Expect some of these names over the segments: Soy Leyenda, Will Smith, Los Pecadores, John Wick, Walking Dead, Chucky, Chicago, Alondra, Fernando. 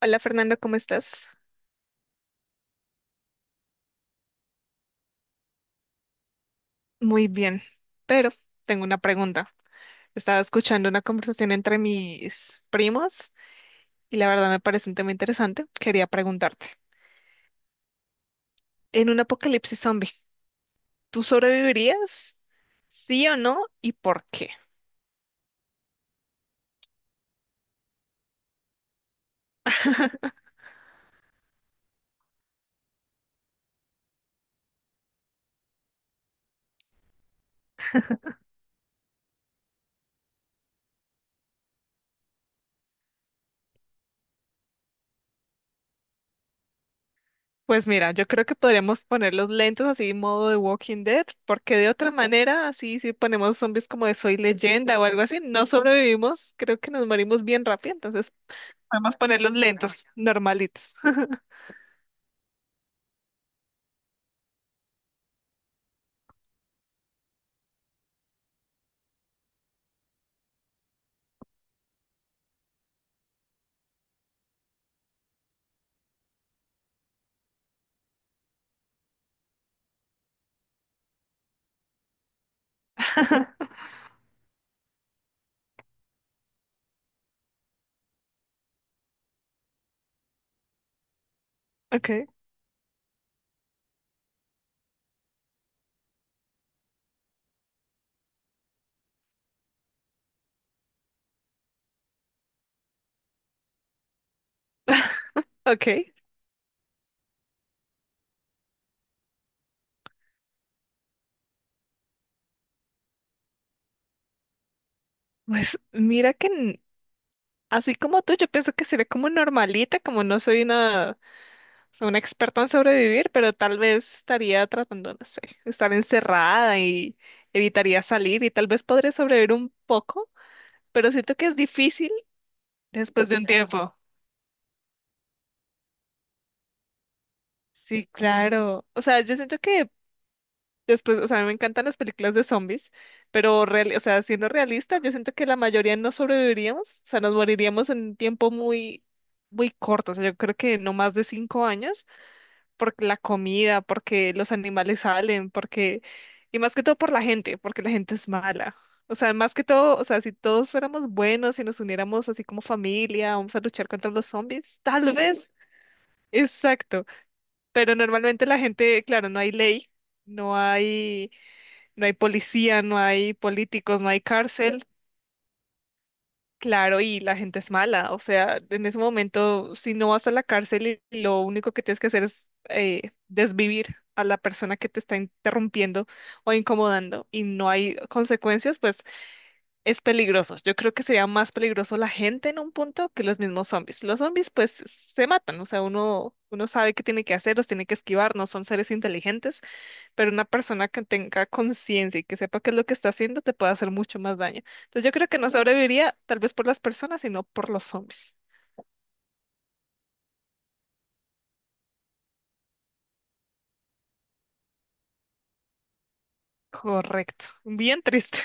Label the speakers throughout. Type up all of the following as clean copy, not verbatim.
Speaker 1: Hola Fernando, ¿cómo estás? Muy bien, pero tengo una pregunta. Estaba escuchando una conversación entre mis primos y la verdad me parece un tema interesante. Quería preguntarte, en un apocalipsis zombie, ¿tú sobrevivirías? ¿Sí o no? ¿Y por qué? Pues mira, yo creo que podríamos ponerlos lentos así modo de Walking Dead, porque de otra manera, así si ponemos zombies como de Soy Leyenda o algo así, no sobrevivimos, creo que nos morimos bien rápido, entonces podemos ponerlos lentos, normalitos. Ok. Ok, pues mira que así como tú, yo pienso que sería como normalita, como no soy una experta en sobrevivir, pero tal vez estaría tratando, no sé, estar encerrada y evitaría salir y tal vez podría sobrevivir un poco, pero siento que es difícil después de un tiempo. Sí, claro. O sea, yo siento que después, o sea, a mí me encantan las películas de zombies, pero o sea, siendo realistas, yo siento que la mayoría no sobreviviríamos, o sea, nos moriríamos en un tiempo muy corto, o sea, yo creo que no más de 5 años, porque la comida, porque los animales salen, porque, y más que todo por la gente, porque la gente es mala. O sea, más que todo, o sea, si todos fuéramos buenos si nos uniéramos así como familia, vamos a luchar contra los zombies, tal vez, exacto, pero normalmente la gente, claro, no hay ley, no hay no hay policía, no hay políticos, no hay cárcel, claro, y la gente es mala. O sea, en ese momento, si no vas a la cárcel y lo único que tienes que hacer es desvivir a la persona que te está interrumpiendo o incomodando y no hay consecuencias, pues es peligroso. Yo creo que sería más peligroso la gente en un punto que los mismos zombies. Los zombies, pues, se matan. O sea, uno sabe qué tiene que hacer, los tiene que esquivar, no son seres inteligentes, pero una persona que tenga conciencia y que sepa qué es lo que está haciendo te puede hacer mucho más daño. Entonces yo creo que no sobreviviría tal vez por las personas, sino por los zombies. Correcto. Bien triste.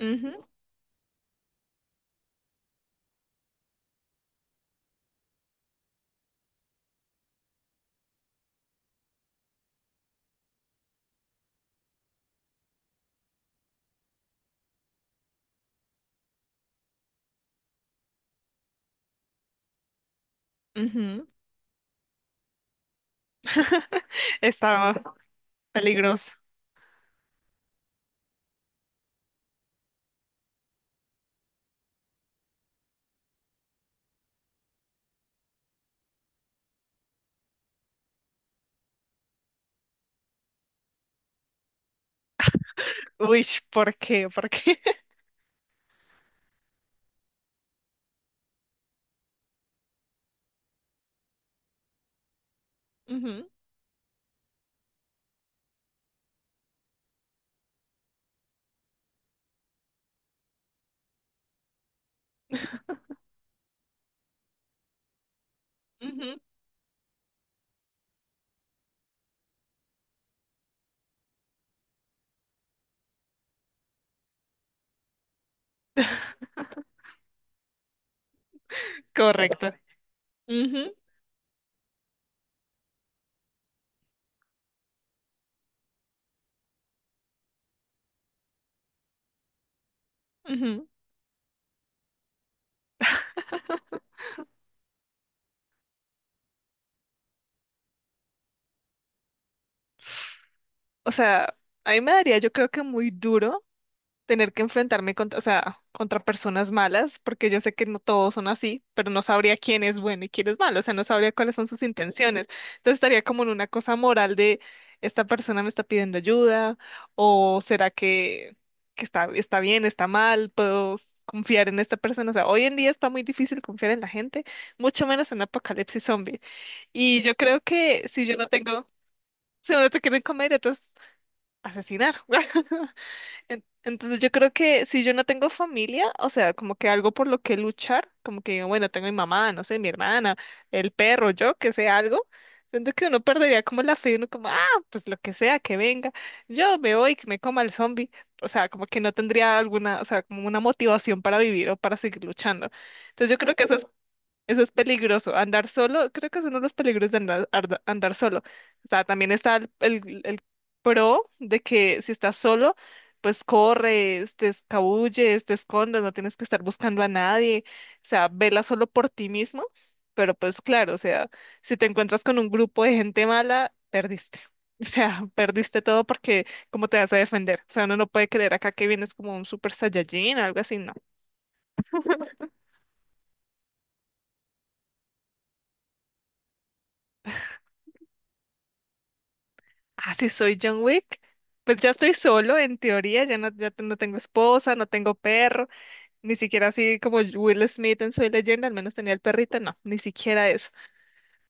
Speaker 1: Ujú, ujú. Estaba peligroso. Uy, ¿por qué? ¿Por qué? Ujú, ujú. Correcto. Ujú, ujú. O sea, a mí me daría yo creo que muy duro tener que enfrentarme contra, o sea, contra personas malas, porque yo sé que no todos son así, pero no sabría quién es bueno y quién es malo, o sea, no sabría cuáles son sus intenciones. Entonces estaría como en una cosa moral de esta persona me está pidiendo ayuda, o será que está, está bien, está mal, confiar en esta persona. O sea, hoy en día está muy difícil confiar en la gente, mucho menos en apocalipsis zombie. Y yo creo que si yo no tengo, si uno te quieren comer, entonces asesinar. Entonces yo creo que si yo no tengo familia, o sea, como que algo por lo que luchar, como que digo, bueno, tengo mi mamá, no sé, mi hermana, el perro, yo, que sea algo, siento que uno perdería como la fe, uno como, ah, pues lo que sea, que venga, yo me voy, que me coma el zombie, o sea, como que no tendría alguna, o sea, como una motivación para vivir o para seguir luchando. Entonces yo creo que eso es peligroso. Andar solo, creo que es uno de los peligros de andar solo. O sea, también está el pro de que si estás solo, pues corres, te escabulles, te escondes, no tienes que estar buscando a nadie. O sea, vela solo por ti mismo. Pero pues claro, o sea, si te encuentras con un grupo de gente mala, perdiste. O sea, perdiste todo porque ¿cómo te vas a defender? O sea, uno no puede creer acá que vienes como un super saiyajin, algo así, no. Así soy John Wick. Pues ya estoy solo, en teoría, ya no, no tengo esposa, no tengo perro, ni siquiera así como Will Smith en Soy Leyenda, al menos tenía el perrito, no, ni siquiera eso.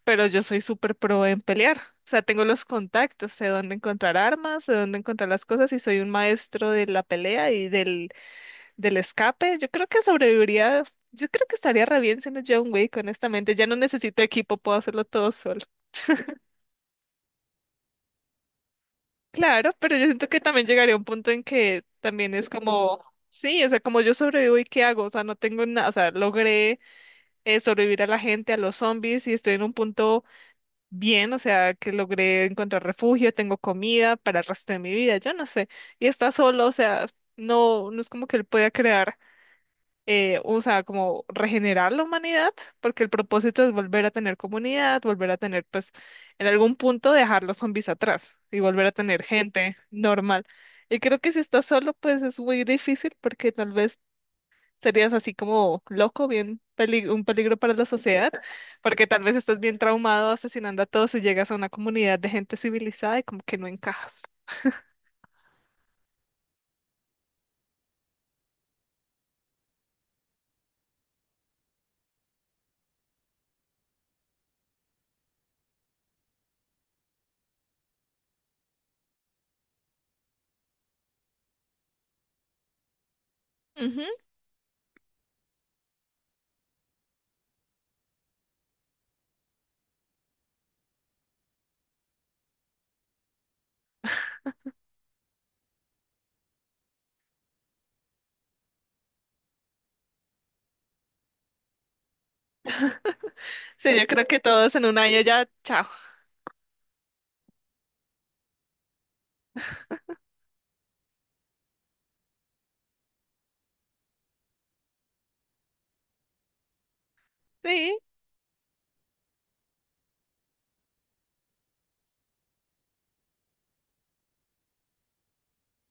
Speaker 1: Pero yo soy súper pro en pelear, o sea, tengo los contactos, sé dónde encontrar armas, sé dónde encontrar las cosas y soy un maestro de la pelea y del escape. Yo creo que sobreviviría, yo creo que estaría re bien siendo John Wick, honestamente, ya no necesito equipo, puedo hacerlo todo solo. Claro, pero yo siento que también llegaría a un punto en que también es como, sí, o sea, como yo sobrevivo y qué hago, o sea, no tengo nada, o sea, logré sobrevivir a la gente, a los zombies y estoy en un punto bien, o sea, que logré encontrar refugio, tengo comida para el resto de mi vida, yo no sé, y está solo, o sea, no es como que él pueda crear o sea, como regenerar la humanidad, porque el propósito es volver a tener comunidad, volver a tener, pues, en algún punto dejar los zombies atrás y volver a tener gente normal. Y creo que si estás solo, pues es muy difícil porque tal vez serías así como loco, un peligro para la sociedad, porque tal vez estás bien traumado asesinando a todos y llegas a una comunidad de gente civilizada y como que no encajas. Ujú. Sí, yo creo que todos en 1 año ya, chao. Sí.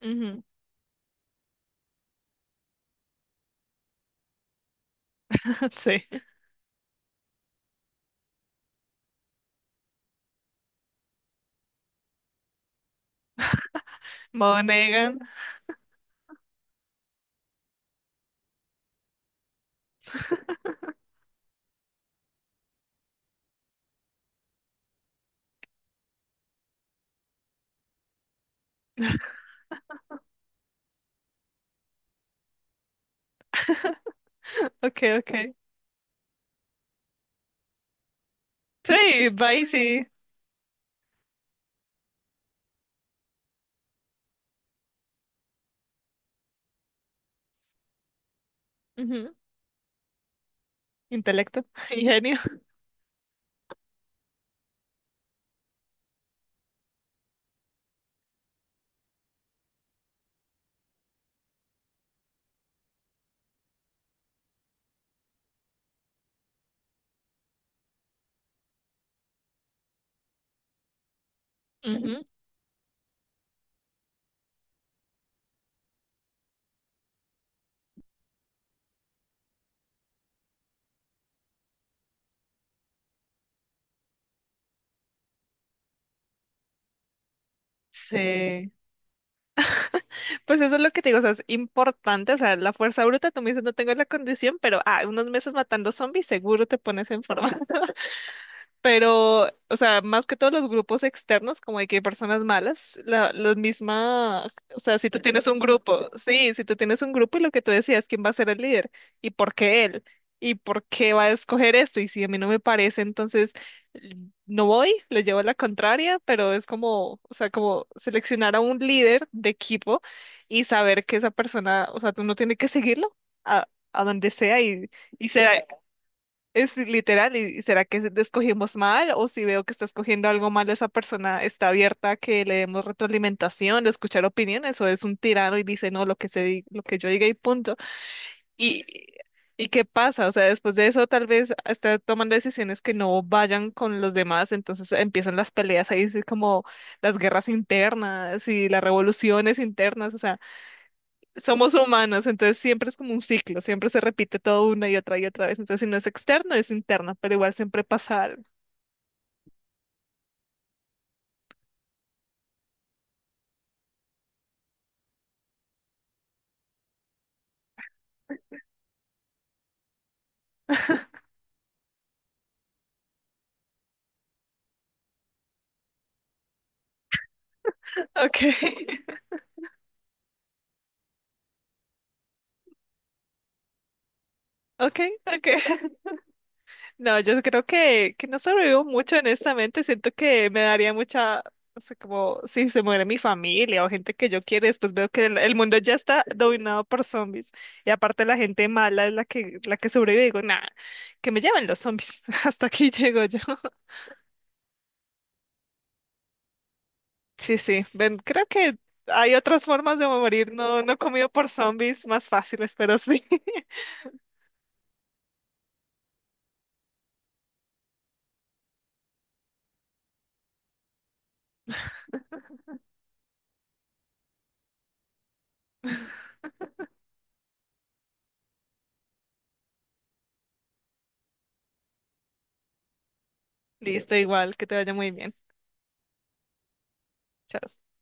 Speaker 1: Ujú. Sí. Monegan. Okay, okay. Sí, bye, sí. Ujú. Intelecto, ingenio. Ujú. Sí. Pues eso es lo que te digo, o sea, es importante, o sea, la fuerza bruta, tú me dices, no tengo la condición, pero ah, unos meses matando zombies, seguro te pones en forma. Pero, o sea, más que todos los grupos externos, como de que hay personas malas, la misma, o sea, si tú tienes un grupo, sí, si tú tienes un grupo y lo que tú decías, ¿quién va a ser el líder? ¿Y por qué él? ¿Y por qué va a escoger esto? Y si a mí no me parece, entonces l- no voy, le llevo la contraria, pero es como, o sea, como seleccionar a un líder de equipo y saber que esa persona, o sea, tú no tienes que seguirlo a donde sea y se es literal, ¿y será que escogimos mal? O si veo que está escogiendo algo mal, esa persona está abierta a que le demos retroalimentación, de escuchar opiniones, o es un tirano y dice no, lo que se, lo que yo diga y punto. ¿Y, y qué pasa? O sea, después de eso tal vez está tomando decisiones que no vayan con los demás, entonces empiezan las peleas ahí, sí, como las guerras internas y las revoluciones internas, o sea somos humanos, entonces siempre es como un ciclo, siempre se repite todo una y otra vez. Entonces, si no es externo, es interno, pero igual siempre pasa algo. Ok, ok, ok. No, yo creo que no sobrevivo mucho, honestamente. Siento que me daría mucha, o sea, como si se muere mi familia o gente que yo quiero, y después veo que el mundo ya está dominado por zombies. Y aparte la gente mala es la que sobrevive, digo, nada, que me lleven los zombies. Hasta aquí llego yo. Sí, sí. Ven, creo que hay otras formas de morir, no, no comido por zombies más fáciles, pero sí. Listo, igual, que te vaya muy bien. Chao.